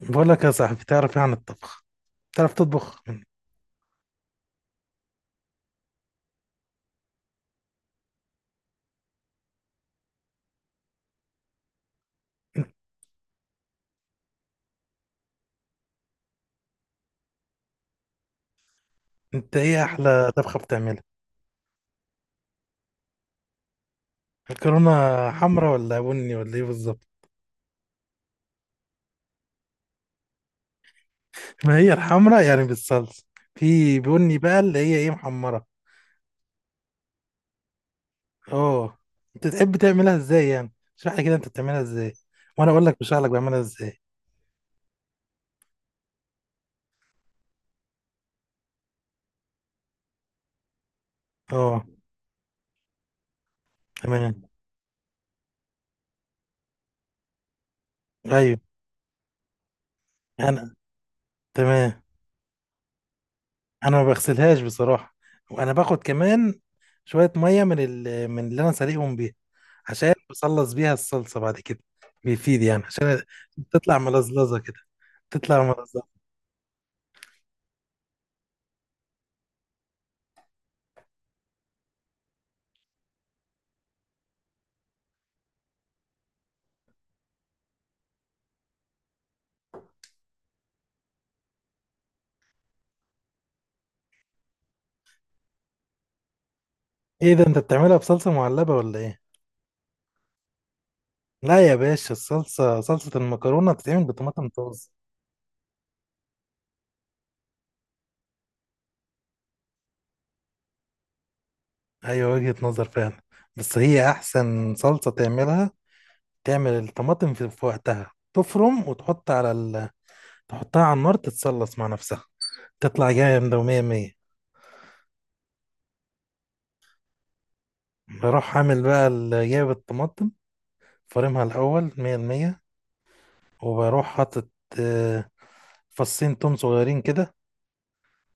بقول لك يا صاحبي، تعرف ايه عن الطبخ؟ تعرف تطبخ انت؟ أنت ايه احلى طبخه بتعملها؟ مكرونه. حمرا ولا بني ولا ايه بالظبط؟ ما هي الحمرا يعني بالصلصه. في بني بقى اللي هي ايه، محمره. اه. انت تحب تعملها ازاي يعني؟ اشرح لي كده انت بتعملها ازاي، وانا اقول لك بشرح لك بعملها ازاي. اه تمام. ايوه. انا تمام. انا ما بغسلهاش بصراحه، وانا باخد كمان شويه ميه من من اللي انا سلقهم بيها، عشان بصلص بيها الصلصه بعد كده. بيفيد يعني عشان تطلع ملزلزه كده، تطلع ملزلزه. ايه ده؟ انت بتعملها بصلصه معلبه ولا ايه؟ لا يا باشا، الصلصه، صلصه المكرونه بتتعمل بطماطم طازه. ايوه وجهه نظر فعلا، بس هي احسن صلصه تعملها. تعمل الطماطم في وقتها، تفرم وتحط على تحطها على النار تتصلص مع نفسها، تطلع جامده ومية مية. بروح عامل بقى جايب الطماطم، فارمها الأول مية المية، وبروح حاطط آه، فصين توم صغيرين كده،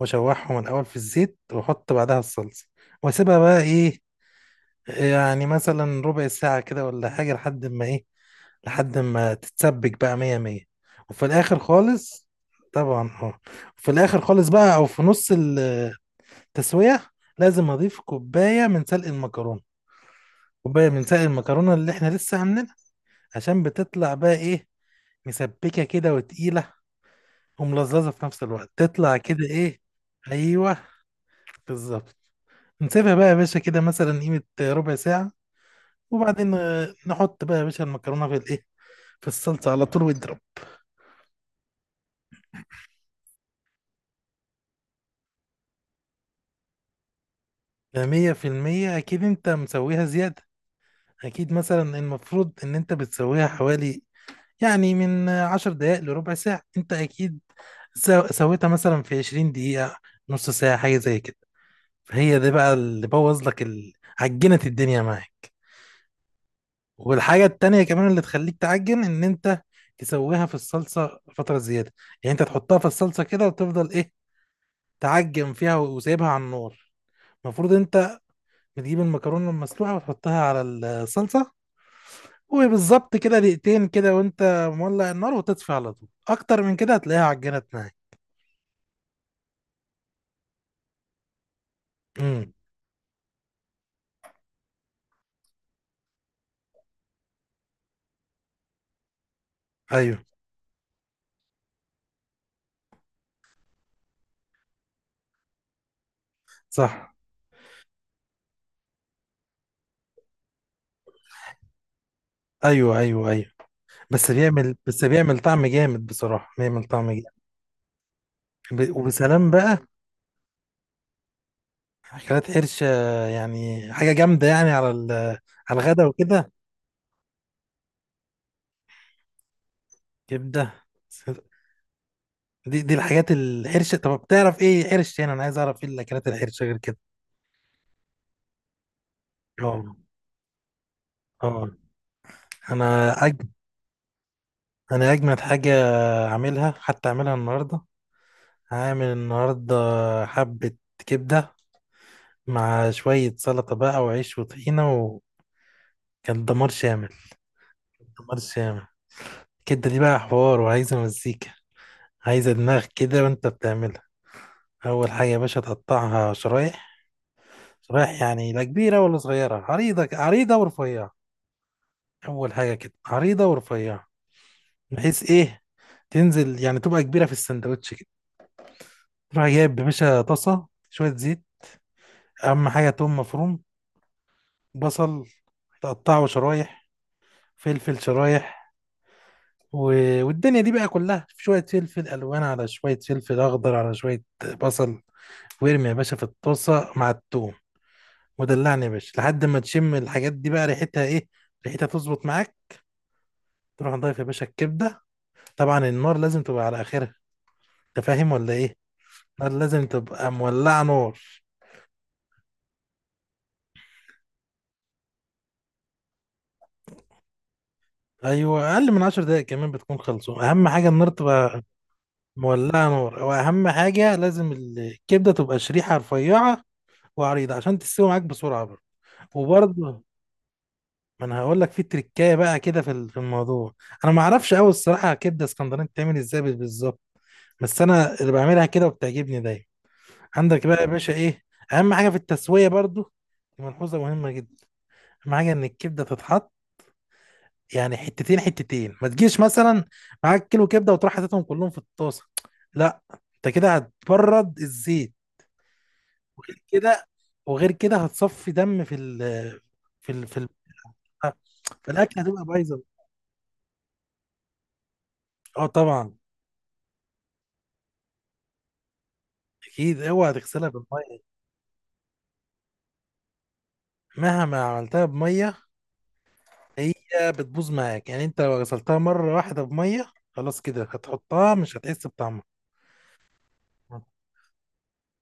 وأشوحهم الأول في الزيت، وأحط بعدها الصلصة، وأسيبها بقى إيه، يعني مثلا ربع ساعة كده ولا حاجة، لحد ما إيه، لحد ما تتسبك بقى مية مية. وفي الآخر خالص، طبعا اه، في الآخر خالص بقى أو في نص التسوية لازم أضيف كوباية من سلق المكرونة، كوباية من سلق المكرونة اللي إحنا لسه عاملينها، عشان بتطلع بقى ايه، مسبكه كده وتقيله، وملززه في نفس الوقت، تطلع كده ايه. ايوه بالظبط. نسيبها بقى يا باشا كده مثلا قيمه ربع ساعه، وبعدين نحط بقى يا باشا المكرونه في الايه، في الصلصه على طول واضرب. ده 100% اكيد انت مسويها زياده. اكيد مثلا المفروض ان انت بتسويها حوالي، يعني من 10 دقائق لربع ساعة، انت اكيد سويتها مثلا في 20 دقيقة، نص ساعة، حاجة زي كده. هي دي بقى اللي بوظ لك عجنت الدنيا معاك. والحاجة التانية كمان اللي تخليك تعجن ان انت تسويها في الصلصة فترة زيادة. يعني انت تحطها في الصلصة كده وتفضل ايه، تعجن فيها وسايبها على النار. المفروض انت بتجيب المكرونة المسلوقة وتحطها على الصلصة، وبالظبط كده دقيقتين كده وانت مولع النار، وتطفي على طول. اكتر من كده هتلاقيها عجنت معاك. امم ايوه صح. ايوه، ايوه، ايوه، بس بيعمل، بس بيعمل طعم جامد بصراحة، بيعمل طعم جامد. وبسلام بقى. أكلات حرش يعني حاجة جامدة يعني على على الغدا وكده. كبدة. دي الحاجات الحرشة. طب بتعرف إيه حرش يعني، أنا عايز أعرف إيه الأكلات الحرشة غير كده؟ أه، أه. أنا أجمد، أنا أجمد حاجة أعملها، حتى أعملها النهاردة، هعمل النهاردة حبة كبدة مع شوية سلطة بقى وعيش وطحينة، وكان دمار شامل، دمار شامل. الكبدة دي بقى حوار وعايزة مزيكا، عايزة دماغ كده، وأنت بتعملها. اول حاجه يا باشا تقطعها شرايح، شرايح يعني لا كبيره ولا صغيره، عريضه عريضه ورفيعه. اول حاجه كده عريضه ورفيعه، بحيث ايه، تنزل يعني تبقى كبيره في السندوتش كده. تروح جايب يا باشا طاسه، شويه زيت، اهم حاجه توم مفروم، بصل تقطعه شرايح، فلفل شرايح، و... والدنيا دي بقى كلها شويه فلفل الوان على شويه فلفل اخضر على شويه بصل. وارمي يا باشا في الطاسه مع التوم، ودلعني يا باشا لحد ما تشم الحاجات دي بقى ريحتها ايه، ريحتها تظبط معاك. تروح نضيف يا باشا الكبده، طبعا النار لازم تبقى على اخرها، انت فاهم ولا ايه؟ النار لازم تبقى مولعه نار. ايوه اقل من 10 دقايق كمان بتكون خلصوا. اهم حاجه النار تبقى مولعه نار، واهم حاجه لازم الكبده تبقى شريحه رفيعه وعريضه عشان تستوي معاك بسرعه برضه. وبرضه، ما انا هقول لك في تريكايه بقى كده في في الموضوع. انا ما اعرفش قوي الصراحه كبده اسكندراني بتعمل ازاي بالظبط، بس انا اللي بعملها كده وبتعجبني دايما. عندك بقى يا باشا ايه، اهم حاجه في التسويه برضو، دي ملحوظه مهمه جدا. اهم حاجه ان الكبده تتحط يعني حتتين حتتين، ما تجيش مثلا معاك كيلو كبده وتروح حاططهم كلهم في الطاسه. لا، انت كده هتبرد الزيت، وغير كده، وغير كده هتصفي دم في ال في, ال في الاكل هتبقى بايظه. اه طبعا. اكيد اوعى تغسلها بالميه، مهما عملتها بميه هي بتبوظ معاك. يعني انت لو غسلتها مره واحده بميه، خلاص كده هتحطها مش هتحس بطعمها.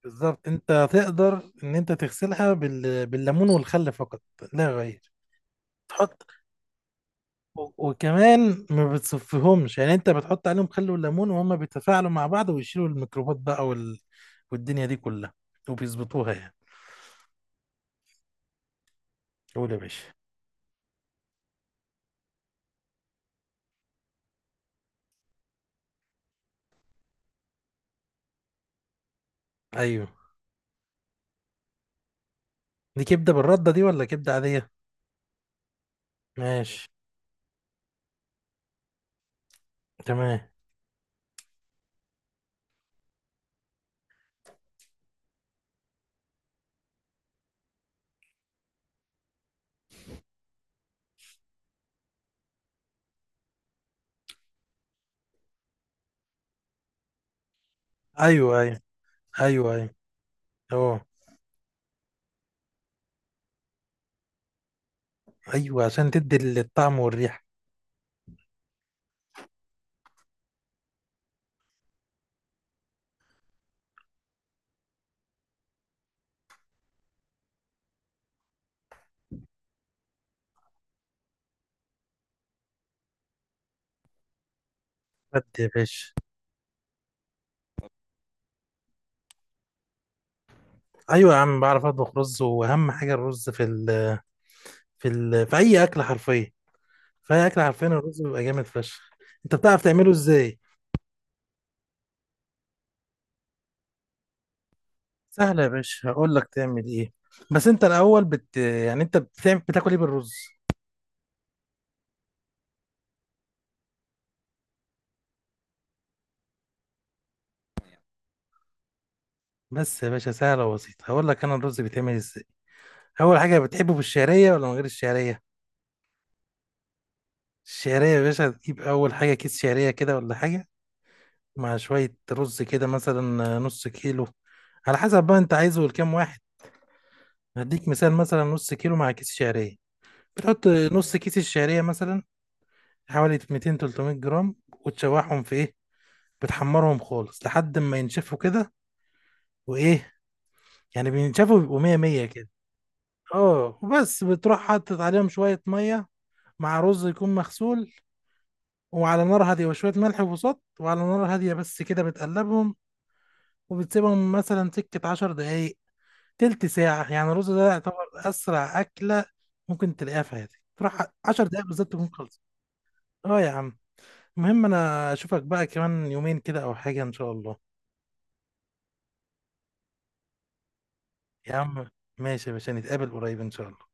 بالظبط. انت هتقدر ان انت تغسلها بالليمون والخل فقط لا غير. تحط وكمان ما بتصفيهمش. يعني انت بتحط عليهم خل وليمون وهما بيتفاعلوا مع بعض ويشيلوا الميكروبات بقى والدنيا دي كلها، وبيظبطوها يعني. قول يا باشا. ايوه. دي كبده بالرده دي ولا كبده عاديه؟ ماشي. تمام. ايوه، ايوه، ايوه، ايوه، اه. ايوه عشان تدي الطعم والريحه. بجد يا باشا. ايوه يا عم بعرف اطبخ رز، واهم حاجه الرز في اي اكل حرفيا، في اي اكل حرفيا الرز بيبقى جامد فشخ. انت بتعرف تعمله ازاي؟ سهل يا باشا، هقول لك تعمل ايه. بس انت الاول يعني انت بتعمل، بتاكل ايه بالرز؟ بس يا باشا سهله وبسيطه هقول لك انا الرز بيتعمل ازاي. اول حاجه بتحبه بالشعريه ولا من غير الشعريه؟ الشعريه يا باشا تجيب اول حاجه كيس شعريه كده ولا حاجه، مع شوية رز كده مثلا نص كيلو، على حسب بقى انت عايزه لكام واحد. هديك مثال مثلا نص كيلو مع كيس شعرية، بتحط نص كيس الشعرية مثلا، حوالي 200 300 جرام. وتشوحهم في ايه، بتحمرهم خالص لحد ما ينشفوا كده. وايه، يعني بينشفوا بيبقوا 100 100 كده. اه وبس، بتروح حاطط عليهم شوية مية مع رز يكون مغسول، وعلى نار هادية وشوية ملح وصوت، وعلى نار هادية بس كده بتقلبهم، وبتسيبهم مثلا سكة 10 دقايق، تلت ساعة. يعني الرز ده يعتبر أسرع أكلة ممكن تلاقيها في حياتك. تروح 10 دقايق بالظبط تكون خلصت. اه يا عم، المهم أنا أشوفك بقى كمان يومين كده أو حاجة إن شاء الله. يا عم ماشي يا باشا، نتقابل قريب إن شاء الله.